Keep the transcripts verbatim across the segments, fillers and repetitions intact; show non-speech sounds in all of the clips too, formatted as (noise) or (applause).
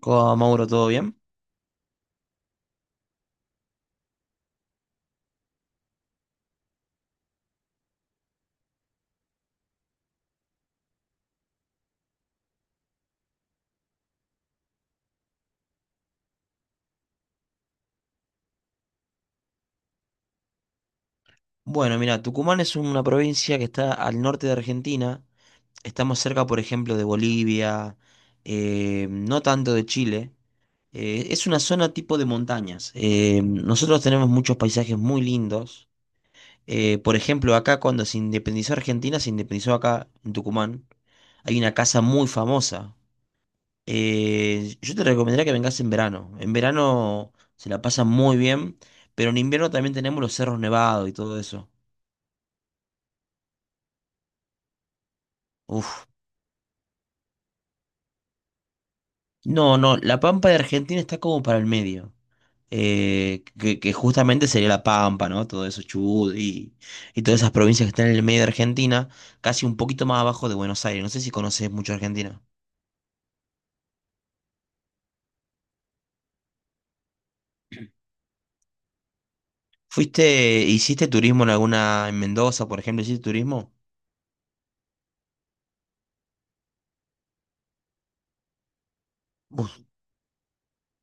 ¿Cómo va, Mauro? ¿Todo bien? Bueno, mira, Tucumán es una provincia que está al norte de Argentina. Estamos cerca, por ejemplo, de Bolivia, eh, no tanto de Chile. Eh, es una zona tipo de montañas. Eh, nosotros tenemos muchos paisajes muy lindos. Eh, por ejemplo, acá cuando se independizó Argentina, se independizó acá en Tucumán. Hay una casa muy famosa. Eh, yo te recomendaría que vengas en verano. En verano se la pasa muy bien, pero en invierno también tenemos los cerros nevados y todo eso. Uf. No, no, la Pampa de Argentina está como para el medio. Eh, que, que justamente sería la Pampa, ¿no? Todo eso, Chubut y, y todas esas provincias que están en el medio de Argentina, casi un poquito más abajo de Buenos Aires. No sé si conoces mucho Argentina. ¿Fuiste, hiciste turismo en alguna, en Mendoza, por ejemplo, hiciste turismo? Uf,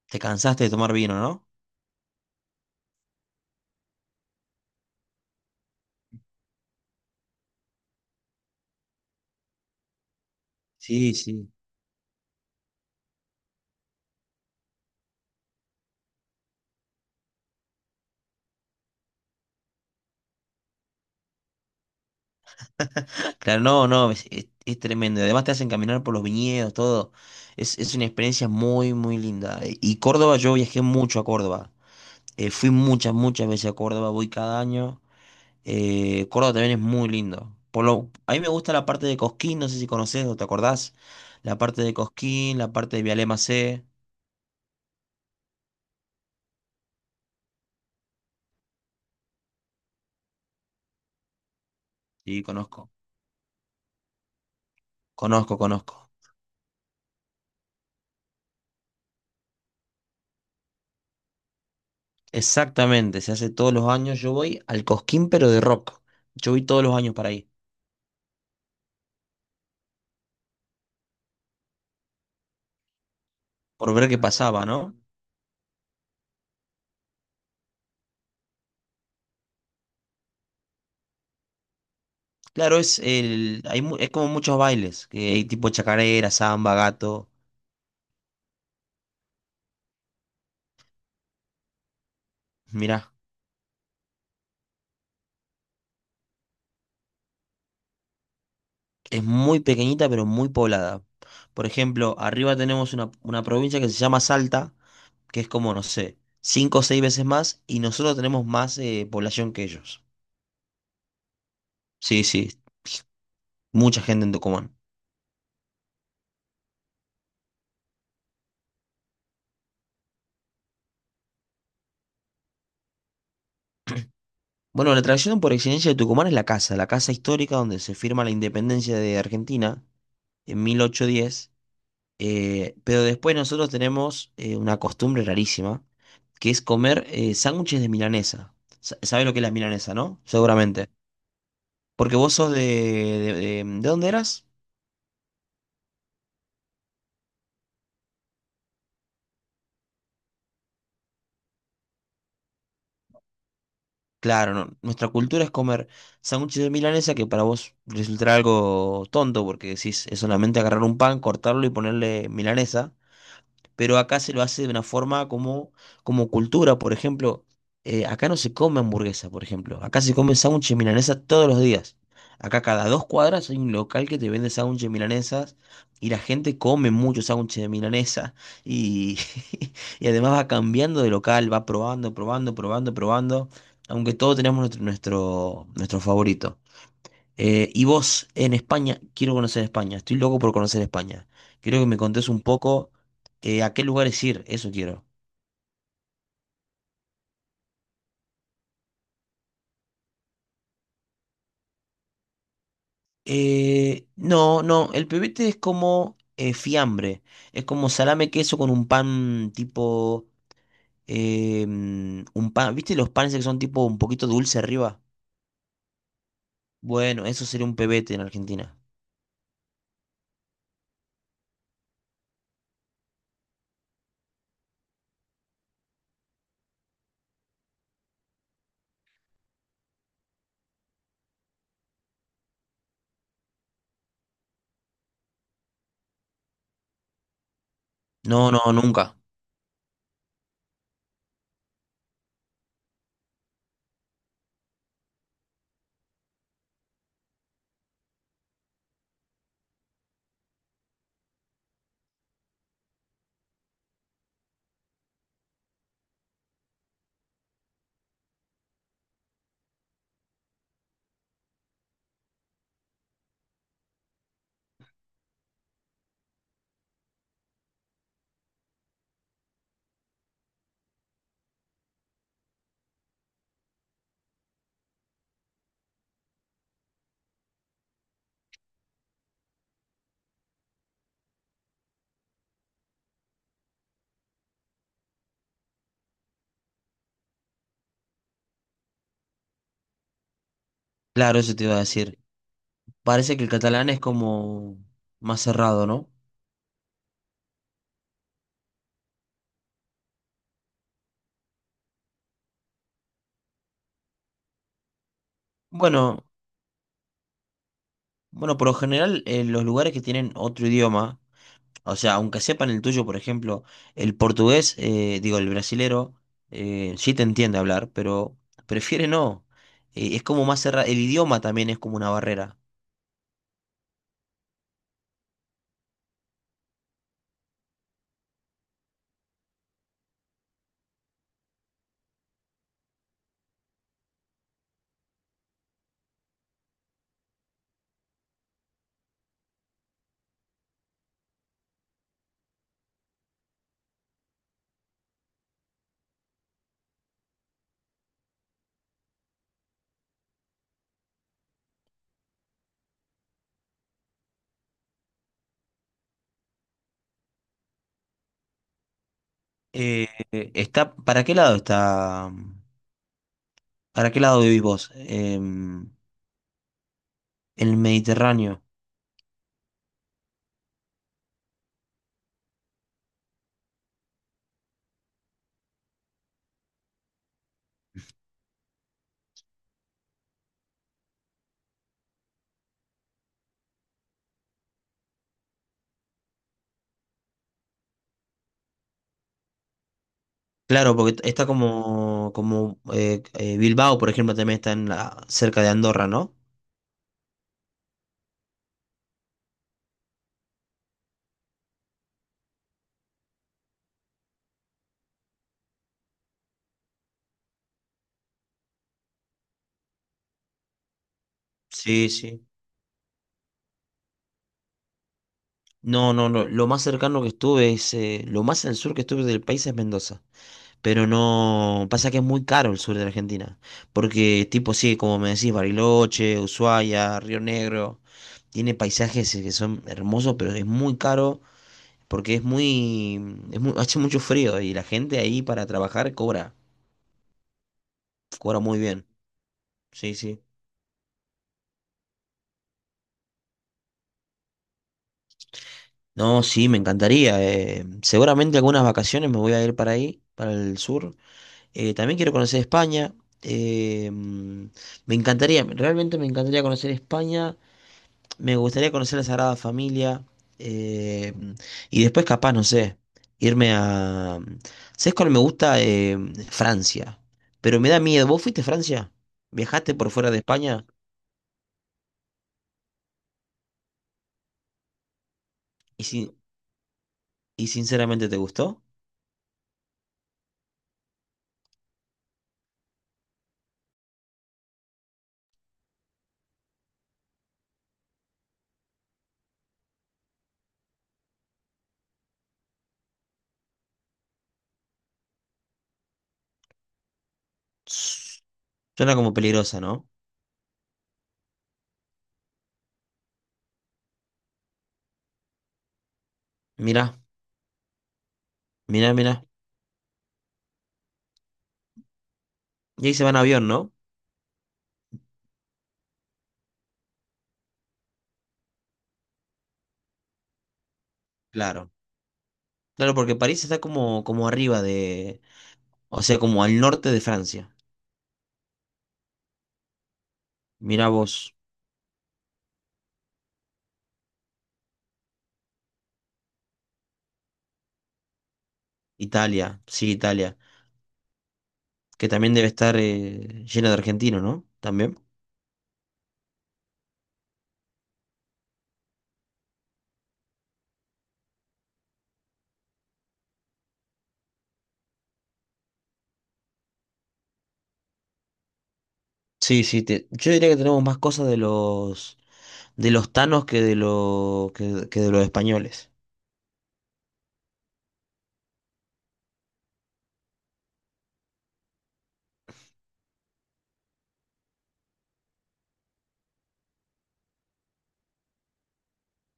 te cansaste de tomar vino, ¿no? Sí, sí. Claro, no, no, es, es- es tremendo. Además te hacen caminar por los viñedos, todo. Es, es una experiencia muy, muy linda. Y Córdoba, yo viajé mucho a Córdoba. Eh, fui muchas, muchas veces a Córdoba, voy cada año. Eh, Córdoba también es muy lindo. Por lo, a mí me gusta la parte de Cosquín, no sé si conoces o te acordás. La parte de Cosquín, la parte de Vialema C. Sí, conozco. Conozco, conozco. Exactamente, se hace todos los años. Yo voy al Cosquín, pero de rock. Yo voy todos los años para ahí, por ver qué pasaba, ¿no? Claro, es, el, hay, mu- es como muchos bailes, que hay tipo chacarera, samba, gato. Mirá. Es muy pequeñita pero muy poblada. Por ejemplo, arriba tenemos una, una provincia que se llama Salta, que es como, no sé, cinco o seis veces más y nosotros tenemos más eh, población que ellos. Sí, sí, mucha gente en Tucumán. Bueno, la atracción por excelencia de Tucumán es la casa, la casa histórica donde se firma la independencia de Argentina en mil ochocientos diez, eh, pero después nosotros tenemos eh, una costumbre rarísima, que es comer eh, sándwiches de milanesa. Sa- ¿Sabes lo que es la milanesa, no? Seguramente. Porque vos sos de, de, de- ¿de dónde eras? Claro, no, nuestra cultura es comer sándwiches de milanesa que para vos resultará algo tonto porque decís, es solamente agarrar un pan, cortarlo y ponerle milanesa. Pero acá se lo hace de una forma como, como cultura, por ejemplo, eh, acá no se come hamburguesa, por ejemplo, acá se come sándwiches milanesas todos los días. Acá cada dos cuadras hay un local que te vende sándwiches milanesas y la gente come mucho sándwiches de milanesa y, (laughs) y además va cambiando de local, va probando, probando, probando, probando, aunque todos tenemos nuestro, nuestro, nuestro favorito. Eh, y vos en España, quiero conocer España, estoy loco por conocer España. Quiero que me contés un poco eh, a qué lugares ir, eso quiero. Eh, no, no, el pebete es como eh, fiambre, es como salame queso con un pan tipo, eh, mm, un pan, ¿viste los panes que son tipo un poquito dulce arriba? Bueno, eso sería un pebete en Argentina. No, no, nunca. Claro, eso te iba a decir. Parece que el catalán es como más cerrado, ¿no? Bueno, bueno, por lo general, eh, los lugares que tienen otro idioma, o sea, aunque sepan el tuyo, por ejemplo, el portugués, eh, digo, el brasilero, eh, sí te entiende hablar, pero prefiere no. Eh, es como más cerrado, el idioma también es como una barrera. Eh, eh, está, ¿para qué lado está? mm, ¿Para qué lado vivís vos? Em, el Mediterráneo. Claro, porque t- está como, como eh, eh, Bilbao, por ejemplo, también está en la- cerca de Andorra, ¿no? Sí, sí. No, no, no. Lo más cercano que estuve es, eh, lo más al sur que estuve del país es Mendoza. Pero no, pasa que es muy caro el sur de la Argentina. Porque tipo, sí, como me decís, Bariloche, Ushuaia, Río Negro, tiene paisajes eh, que son hermosos, pero es muy caro porque es muy, es mu- hace mucho frío y la gente ahí para trabajar cobra, cobra muy bien. Sí, sí. No, sí, me encantaría. eh, seguramente algunas vacaciones me voy a ir para ahí, para el sur. Eh, también quiero conocer España. eh, mm, me encantaría, realmente me encantaría conocer España. Me gustaría conocer la Sagrada Familia. eh, y después, capaz, no sé, irme a... ¿Sabes cuál me gusta? Eh, Francia. Pero me da miedo. ¿Vos fuiste a Francia? ¿Viajaste por fuera de España? ¿Y, sin- ¿Y sinceramente te gustó? Suena como peligrosa, ¿no? Mirá, mirá, mirá. Y ahí se van en avión, ¿no? Claro. Claro, porque París está como, como arriba. O sea, como al norte de Francia. Mirá vos, Italia, sí, Italia, que también debe estar eh, llena de argentinos, ¿no? También. Sí, sí, te- yo diría que tenemos más cosas de los de los tanos que de los que, que de los españoles.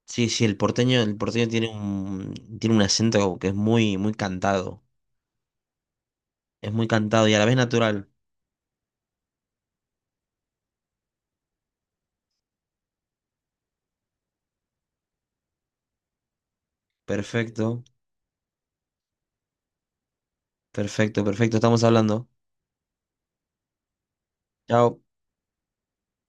Sí, sí, el porteño, el porteño tiene un tiene un acento que es muy muy cantado, es muy cantado y a la vez natural. Perfecto, perfecto, perfecto, estamos hablando. Chao.